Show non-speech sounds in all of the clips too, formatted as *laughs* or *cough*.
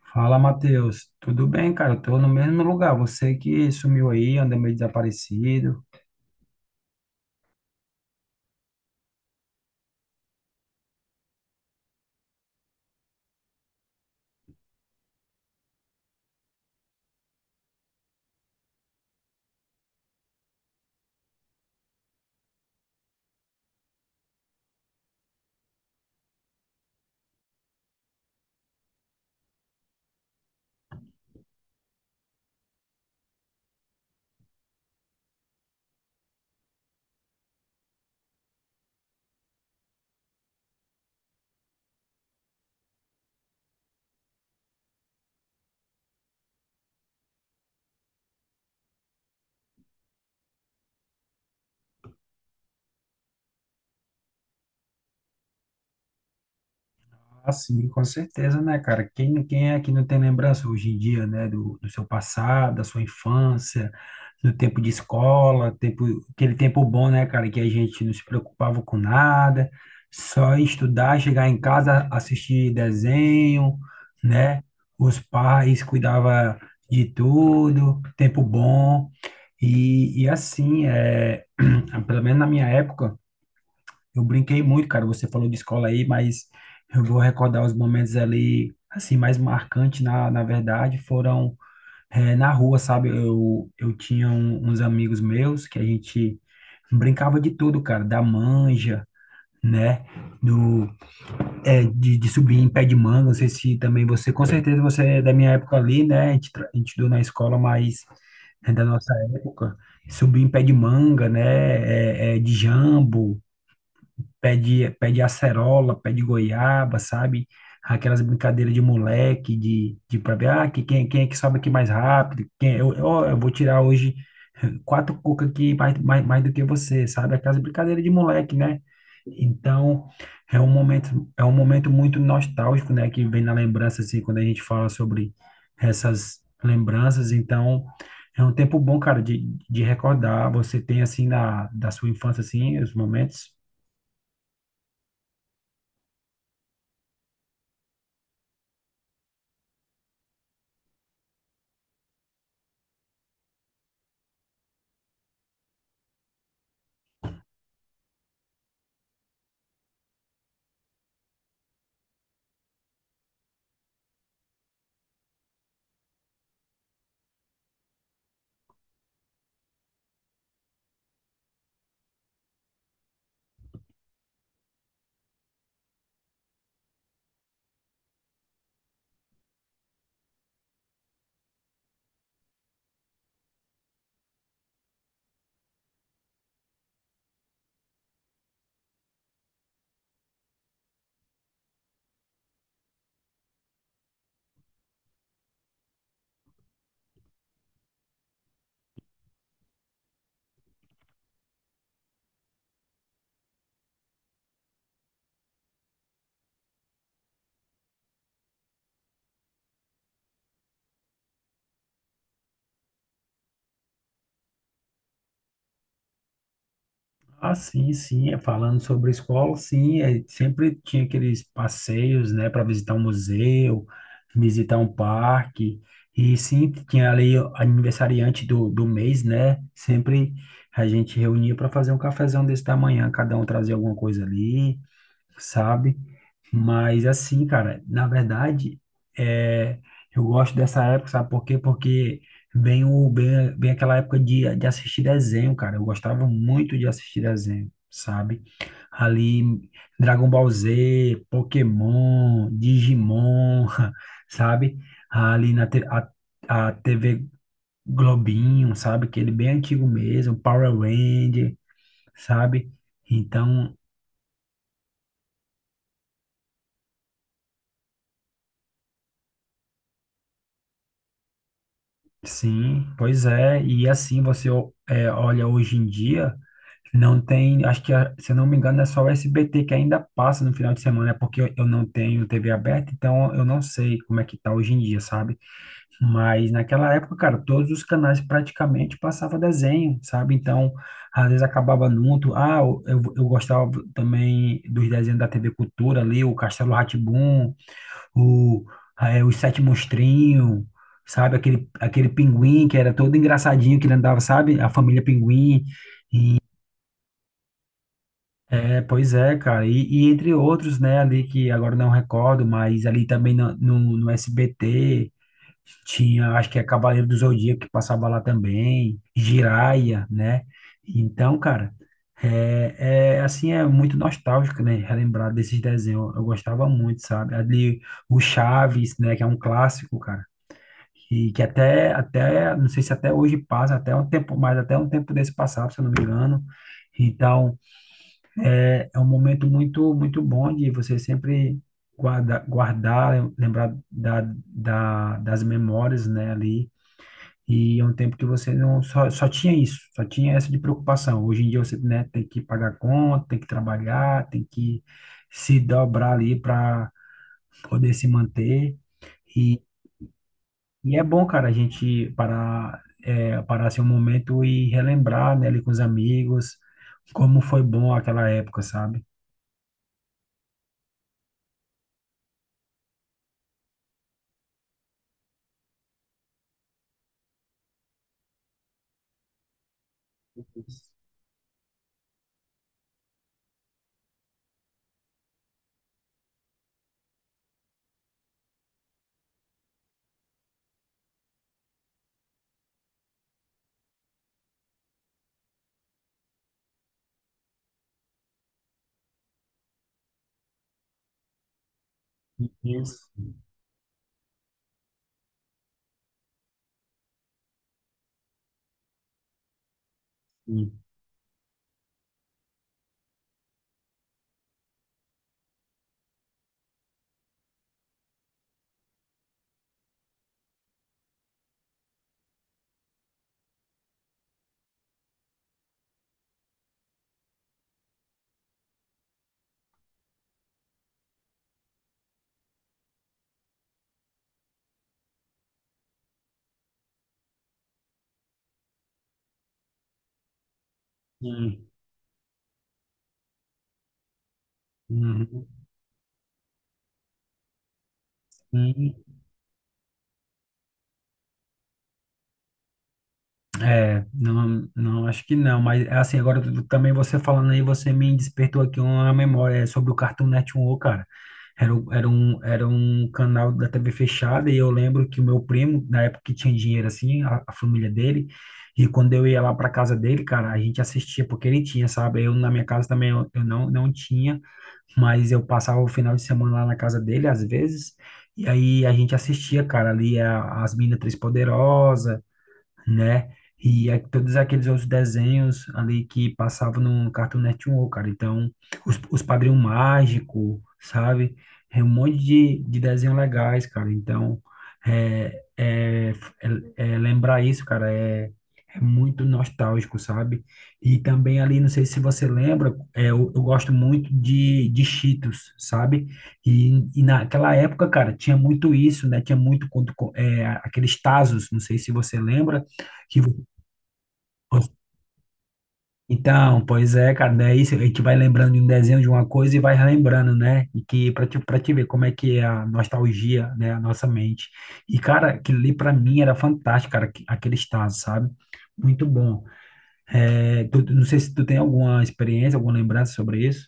Fala, Matheus. Tudo bem, cara? Eu tô no mesmo lugar. Você que sumiu aí, anda meio desaparecido. Ah, sim, com certeza, né, cara? Quem é que não tem lembrança hoje em dia, né, do seu passado, da sua infância, do tempo de escola, tempo, aquele tempo bom, né, cara, que a gente não se preocupava com nada, só estudar, chegar em casa, assistir desenho, né? Os pais cuidavam de tudo, tempo bom. E assim, é, *clears throat* pelo menos na minha época, eu brinquei muito, cara. Você falou de escola aí, mas eu vou recordar os momentos ali, assim, mais marcantes, na verdade, foram na rua, sabe? Eu uns amigos meus que a gente brincava de tudo, cara, da manja, né? Do, de subir em pé de manga. Não sei se também você, com certeza você é da minha época ali, né? A gente, a gente estudou na escola, mas é da nossa época. Subir em pé de manga, né? É, é, de jambo, pé de acerola, pé de goiaba, sabe? Aquelas brincadeiras de moleque, de pra ver, ah, que, quem, quem é que sobe aqui mais rápido? Quem, é? Eu, eu vou tirar hoje quatro cuca aqui mais, mais do que você, sabe? Aquelas brincadeiras de moleque, né? Então, é um momento muito nostálgico, né? Que vem na lembrança, assim, quando a gente fala sobre essas lembranças. Então, é um tempo bom, cara, de recordar. Você tem, assim, na, da sua infância, assim, os momentos. Ah, sim, sim, é, falando sobre escola, sim, é, sempre tinha aqueles passeios, né, para visitar um museu, visitar um parque, e sempre tinha ali o aniversariante do mês, né, sempre a gente reunia para fazer um cafezão desse da manhã, cada um trazia alguma coisa ali, sabe? Mas assim, cara, na verdade, é, eu gosto dessa época, sabe por quê? Porque bem, bem aquela época de assistir desenho, cara. Eu gostava muito de assistir desenho, sabe? Ali, Dragon Ball Z, Pokémon, Digimon, *laughs* sabe? Ali na a TV Globinho, sabe? Aquele bem antigo mesmo, Power Ranger, sabe? Então, sim, pois é. E assim você ó, é, olha hoje em dia. Não tem, acho que, ah, se eu não me engano, é só o SBT que ainda passa no final de semana, é porque eu não tenho TV aberta, então eu não sei como é que tá hoje em dia, sabe? Mas naquela época, cara, todos os canais praticamente passava desenho, sabe? Então, às vezes acabava junto. Ah, eu, eu gostava também dos desenhos da TV Cultura ali, o Castelo Rá, o, Os Sete Monstrinhos, sabe? Aquele, aquele pinguim que era todo engraçadinho, que ele andava, sabe? A família Pinguim. É, pois é, cara. E entre outros, né, ali que agora não recordo, mas ali também no, no SBT tinha, acho que é Cavaleiro do Zodíaco que passava lá também, Jiraya, né? Então, cara, é, é assim, é muito nostálgico, né, relembrar desses desenhos. Eu gostava muito, sabe? Ali o Chaves, né, que é um clássico, cara. E que até, até, não sei se até hoje passa, até um tempo, mas até um tempo desse passado, se eu não me engano. Então, é um momento muito bom de você sempre guardar, lembrar da, da, das memórias, né, ali. E é um tempo que você não só, só tinha isso, só tinha essa de preocupação. Hoje em dia você, né, tem que pagar conta, tem que trabalhar, tem que se dobrar ali para poder se manter. E, e é bom, cara, a gente parar, é, parar assim um momento e relembrar, né, ali com os amigos, como foi bom aquela época, sabe? Isso. Hum, hum, uhum, hum. É, não, não, acho que não, mas assim, agora também você falando aí, você me despertou aqui uma memória é, sobre o Cartoon Network, cara. Era, era um canal da TV fechada e eu lembro que o meu primo, na época que tinha dinheiro assim, a família dele, e quando eu ia lá para casa dele, cara, a gente assistia porque ele tinha, sabe? Eu na minha casa também eu não, não tinha. Mas eu passava o final de semana lá na casa dele, às vezes, e aí a gente assistia, cara, ali as Minas Três Poderosas, né? E todos aqueles outros desenhos ali que passavam no Cartoon Network, cara. Então, os Padrinhos Mágico, sabe? É um monte de desenhos legais, cara. Então, é, é, é lembrar isso, cara, é, é muito nostálgico, sabe? E também ali, não sei se você lembra, é, eu gosto muito de Cheetos, sabe? E naquela época, cara, tinha muito isso, né? Tinha muito quando, é, aqueles Tazos, não sei se você lembra, que vo- Então, pois é, cara, daí a gente vai lembrando de um desenho de uma coisa e vai relembrando, né? E que para te ver como é que é a nostalgia, né, a nossa mente. E, cara, aquilo ali para mim era fantástico, cara, aquele estado, sabe? Muito bom. É, não sei se tu tem alguma experiência, alguma lembrança sobre isso.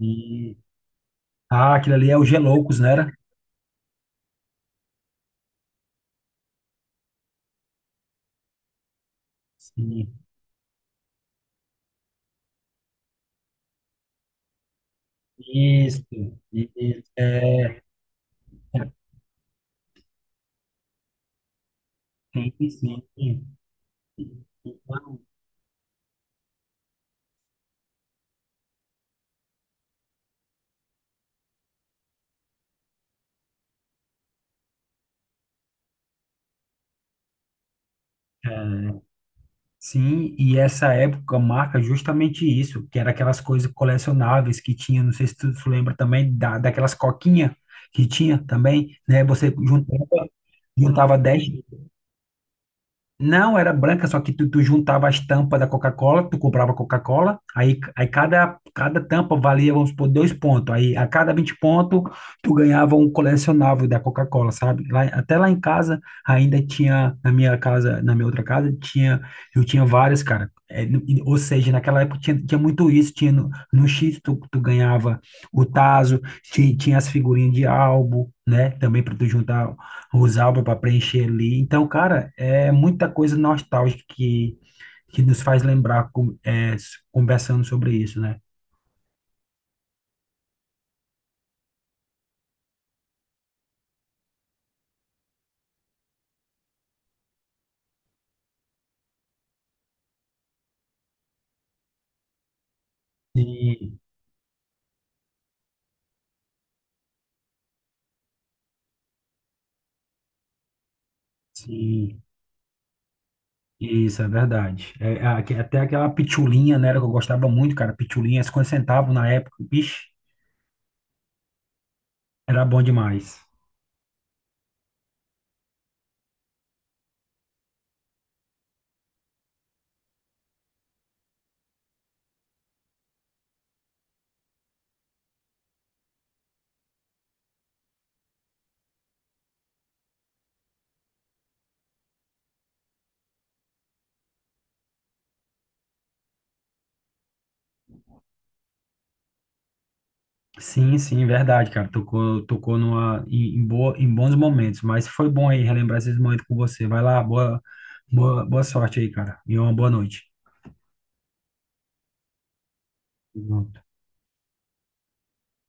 E, ah, aquilo ali é o G Loucos, né? Era? Sim. Isso, isso. É, é, sim, sim. Sim, e essa época marca justamente isso, que era aquelas coisas colecionáveis que tinha, não sei se tu, tu lembra também, da, daquelas coquinhas que tinha também, né? Você juntava, juntava dez, não, era branca, só que tu, tu juntava as tampas da Coca-Cola, tu comprava Coca-Cola, aí, aí cada, cada tampa valia, vamos supor, dois pontos. Aí a cada 20 pontos, tu ganhava um colecionável da Coca-Cola, sabe? Lá, até lá em casa, ainda tinha, na minha casa, na minha outra casa, tinha, eu tinha várias, cara. É, ou seja, naquela época tinha, tinha muito isso, tinha no, no X tu, tu ganhava o tazo, tinha, as figurinhas de álbum, né? Também para tu juntar usava para preencher ali. Então, cara, é muita coisa nostálgica que nos faz lembrar é, conversando sobre isso, né? Sim, sim, isso é verdade. É, é até aquela pitulinha, né, era que eu gostava muito, cara, pitulinha, 50 centavos na época, bicho, era bom demais. Sim, sim, verdade, cara. Tocou, tocou numa, em, em boa, em bons momentos, mas foi bom aí relembrar esses momentos com você. Vai lá, boa, boa sorte aí, cara, e uma boa noite.